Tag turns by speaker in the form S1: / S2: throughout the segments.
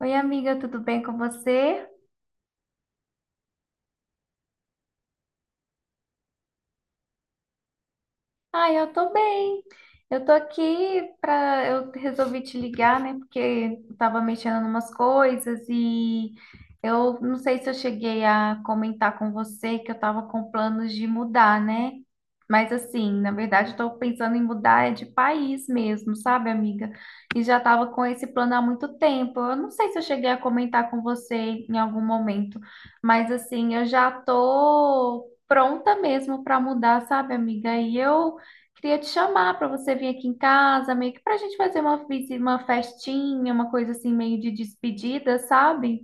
S1: Oi, amiga, tudo bem com você? Ai, eu tô bem. Eu tô aqui pra. Eu resolvi te ligar, né? Porque eu tava mexendo em umas coisas e eu não sei se eu cheguei a comentar com você que eu tava com planos de mudar, né? Mas assim, na verdade, eu tô pensando em mudar é de país mesmo, sabe, amiga? E já tava com esse plano há muito tempo. Eu não sei se eu cheguei a comentar com você em algum momento, mas assim, eu já tô pronta mesmo pra mudar, sabe, amiga? E eu queria te chamar para você vir aqui em casa, meio que para a gente fazer uma festinha, uma coisa assim, meio de despedida, sabe?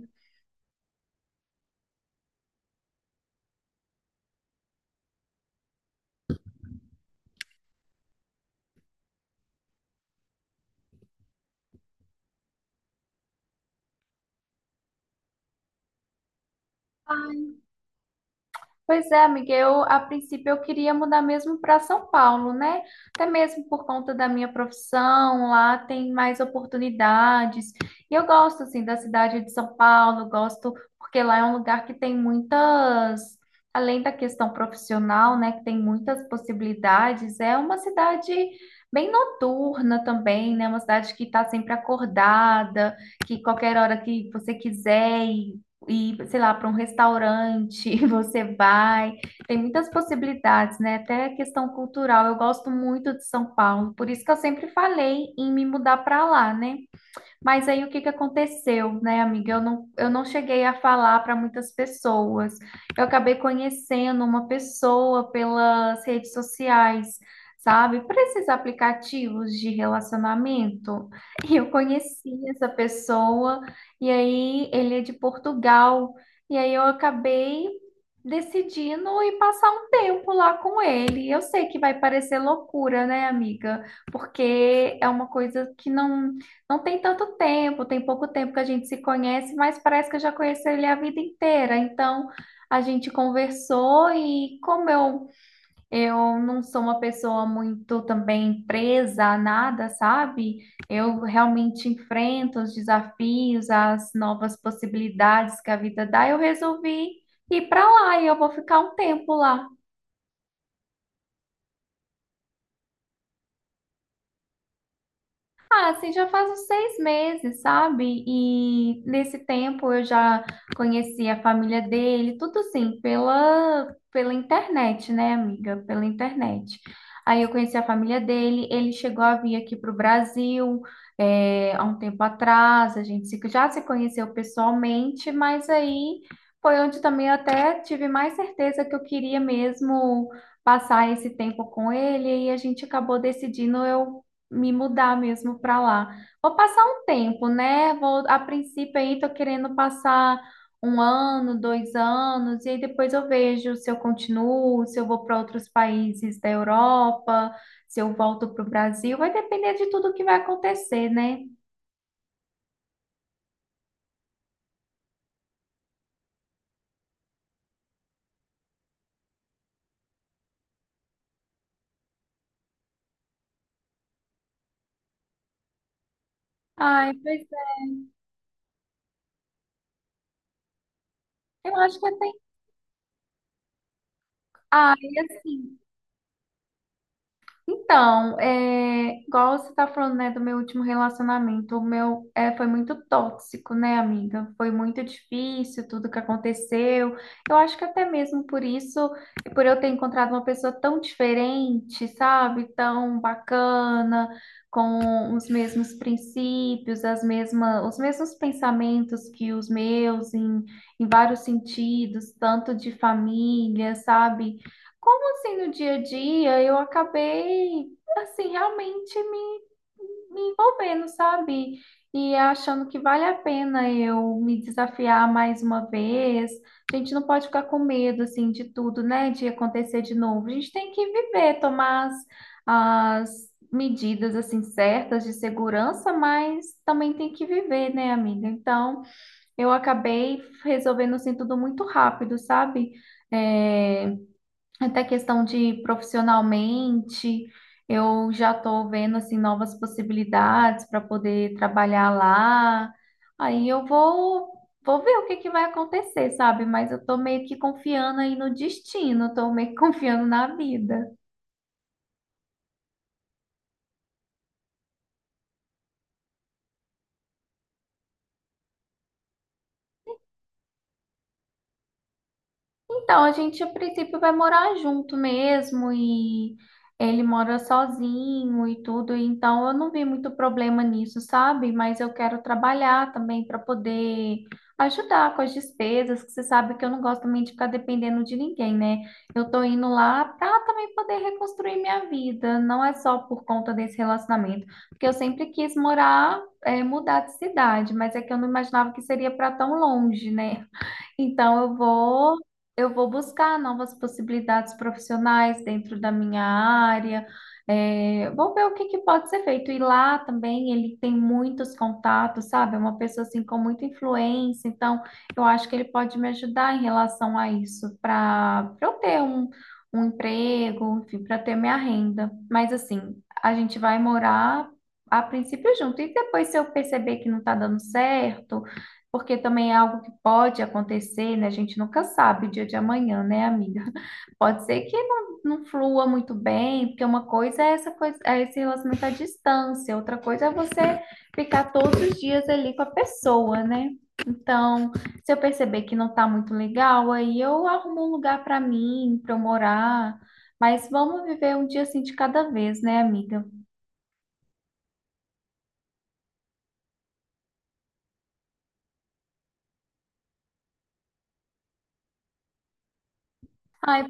S1: Pois é, amiga, eu a princípio eu queria mudar mesmo para São Paulo, né? Até mesmo por conta da minha profissão, lá tem mais oportunidades. E eu gosto assim da cidade de São Paulo, gosto porque lá é um lugar que além da questão profissional, né, que tem muitas possibilidades, é uma cidade bem noturna também, né? Uma cidade que está sempre acordada, que qualquer hora que você quiser ir, sei lá, para um restaurante, você vai. Tem muitas possibilidades, né? Até questão cultural. Eu gosto muito de São Paulo, por isso que eu sempre falei em me mudar para lá, né? Mas aí o que que aconteceu, né, amiga? Eu não cheguei a falar para muitas pessoas. Eu acabei conhecendo uma pessoa pelas redes sociais, sabe? Por esses aplicativos de relacionamento. E eu conheci essa pessoa, e aí ele é de Portugal. E aí eu acabei decidindo ir passar um tempo lá com ele. Eu sei que vai parecer loucura, né, amiga? Porque é uma coisa que não tem tanto tempo, tem pouco tempo que a gente se conhece, mas parece que eu já conheço ele a vida inteira. Então, a gente conversou e como eu não sou uma pessoa muito também presa a nada, sabe? Eu realmente enfrento os desafios, as novas possibilidades que a vida dá. Eu resolvi ir para lá e eu vou ficar um tempo lá. Ah, assim, já faz uns 6 meses, sabe? E nesse tempo eu já conheci a família dele, tudo assim, pela internet, né, amiga? Pela internet. Aí eu conheci a família dele, ele chegou a vir aqui para o Brasil, há um tempo atrás, a gente já se conheceu pessoalmente, mas aí foi onde também eu até tive mais certeza que eu queria mesmo passar esse tempo com ele, e a gente acabou decidindo eu me mudar mesmo para lá. Vou passar um tempo, né? Vou, a princípio aí tô querendo passar um ano, 2 anos, e aí depois eu vejo se eu continuo, se eu vou para outros países da Europa, se eu volto para o Brasil. Vai depender de tudo que vai acontecer, né? Ai, pois é. Eu acho que até. Ai, assim. Então, é, igual você tá falando, né, do meu último relacionamento, foi muito tóxico, né, amiga? Foi muito difícil tudo que aconteceu. Eu acho que até mesmo por isso, por eu ter encontrado uma pessoa tão diferente, sabe? Tão bacana, com os mesmos princípios, os mesmos pensamentos que os meus, em vários sentidos, tanto de família, sabe? Como assim no dia a dia eu acabei assim realmente me envolvendo, sabe? E achando que vale a pena eu me desafiar mais uma vez. A gente não pode ficar com medo assim de tudo, né? De acontecer de novo. A gente tem que viver, tomar as medidas assim certas de segurança, mas também tem que viver, né, amiga? Então, eu acabei resolvendo assim tudo muito rápido, sabe? É, até questão de profissionalmente, eu já estou vendo assim novas possibilidades para poder trabalhar lá. Aí eu vou ver o que que vai acontecer, sabe? Mas eu tô meio que confiando aí no destino, tô meio que confiando na vida. Então, a gente a princípio vai morar junto mesmo e ele mora sozinho e tudo, então eu não vi muito problema nisso, sabe? Mas eu quero trabalhar também para poder ajudar com as despesas, que você sabe que eu não gosto também de ficar dependendo de ninguém, né? Eu tô indo lá para também poder reconstruir minha vida, não é só por conta desse relacionamento, porque eu sempre quis morar, mudar de cidade, mas é que eu não imaginava que seria para tão longe, né? Então eu vou buscar novas possibilidades profissionais dentro da minha área. É, vou ver o que que pode ser feito. E lá também ele tem muitos contatos, sabe? É uma pessoa assim com muita influência. Então, eu acho que ele pode me ajudar em relação a isso, para eu ter um emprego, enfim, para ter minha renda. Mas assim, a gente vai morar a princípio junto. E depois, se eu perceber que não está dando certo, porque também é algo que pode acontecer, né? A gente nunca sabe o dia de amanhã, né, amiga? Pode ser que não flua muito bem, porque uma coisa é esse relacionamento à distância, outra coisa é você ficar todos os dias ali com a pessoa, né? Então, se eu perceber que não tá muito legal, aí eu arrumo um lugar para mim, para eu morar. Mas vamos viver um dia assim de cada vez, né, amiga? Ai,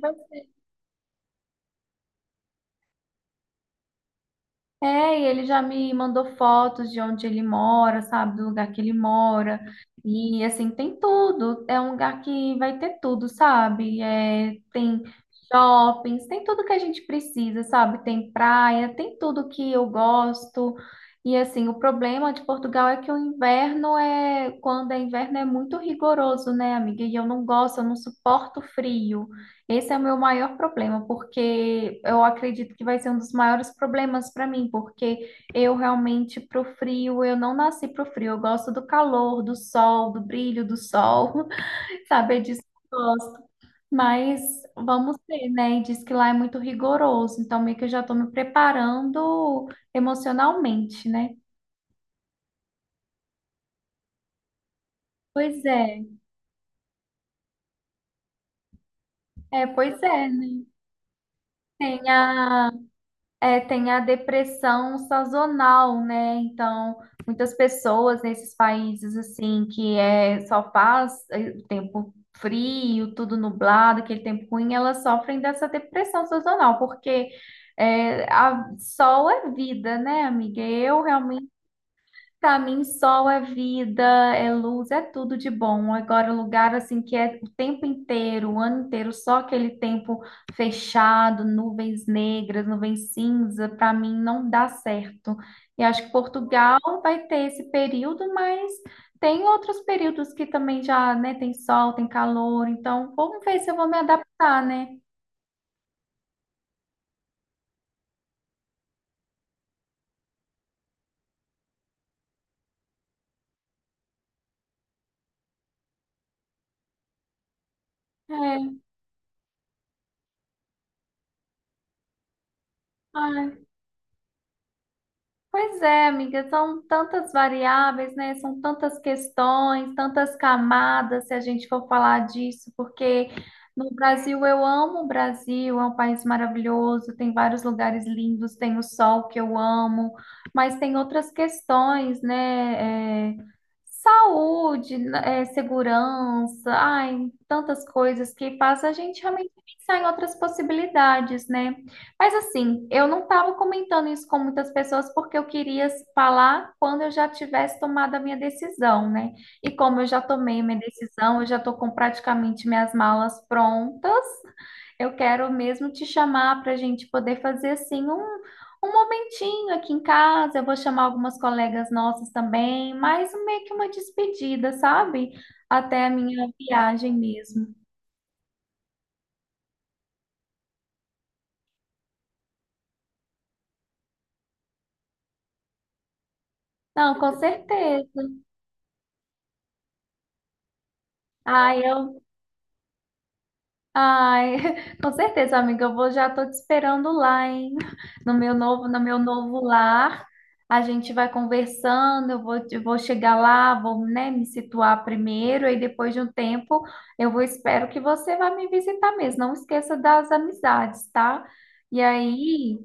S1: é, e ele já me mandou fotos de onde ele mora, sabe, do lugar que ele mora. E assim, tem tudo. É um lugar que vai ter tudo, sabe? É, tem shoppings, tem tudo que a gente precisa, sabe? Tem praia, tem tudo que eu gosto. E assim, o problema de Portugal é que o inverno é, quando é inverno é muito rigoroso, né, amiga? E eu não gosto, eu não suporto frio. Esse é o meu maior problema, porque eu acredito que vai ser um dos maiores problemas para mim, porque eu realmente pro frio, eu não nasci pro frio, eu gosto do calor, do sol, do brilho do sol, sabe? É disso que eu gosto. Mas vamos ver, né? E diz que lá é muito rigoroso, então meio que eu já estou me preparando emocionalmente, né? Pois é, é, pois é, né? Tem a É, tem a depressão sazonal, né? Então, muitas pessoas nesses países assim que é só faz o tempo frio, tudo nublado, aquele tempo ruim, elas sofrem dessa depressão sazonal, porque é, sol é vida, né, amiga? Eu realmente para mim, sol é vida, é luz, é tudo de bom. Agora, um lugar assim que é o tempo inteiro, o ano inteiro, só aquele tempo fechado, nuvens negras, nuvens cinza, para mim não dá certo. E acho que Portugal vai ter esse período, mas tem outros períodos que também já, né, tem sol, tem calor. Então, vamos ver se eu vou me adaptar, né? É, ai, pois é, amiga, são tantas variáveis, né? São tantas questões, tantas camadas, se a gente for falar disso, porque no Brasil eu amo o Brasil, é um país maravilhoso, tem vários lugares lindos, tem o sol que eu amo, mas tem outras questões, né? É, saúde, né, é, segurança, ai, tantas coisas que faz a gente realmente pensar em outras possibilidades, né? Mas assim, eu não estava comentando isso com muitas pessoas porque eu queria falar quando eu já tivesse tomado a minha decisão, né? E como eu já tomei a minha decisão, eu já estou com praticamente minhas malas prontas, eu quero mesmo te chamar para a gente poder fazer assim um momentinho aqui em casa. Eu vou chamar algumas colegas nossas também, mais meio que uma despedida, sabe? Até a minha viagem mesmo. Não, com certeza. Ah, eu Ai, com certeza, amiga, eu vou, já tô te esperando lá, hein? No meu novo, no meu novo lar. A gente vai conversando, eu vou chegar lá, vou, né, me situar primeiro, e depois de um tempo eu vou, espero que você vá me visitar mesmo. Não esqueça das amizades, tá? E aí,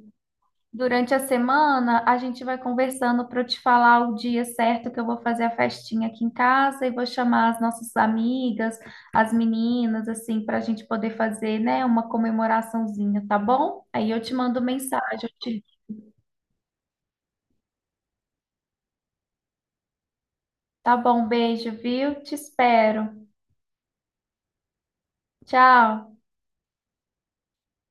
S1: durante a semana, a gente vai conversando para eu te falar o dia certo que eu vou fazer a festinha aqui em casa e vou chamar as nossas amigas, as meninas, assim, para a gente poder fazer, né, uma comemoraçãozinha, tá bom? Aí eu te mando mensagem. Tá bom, beijo, viu? Te espero. Tchau.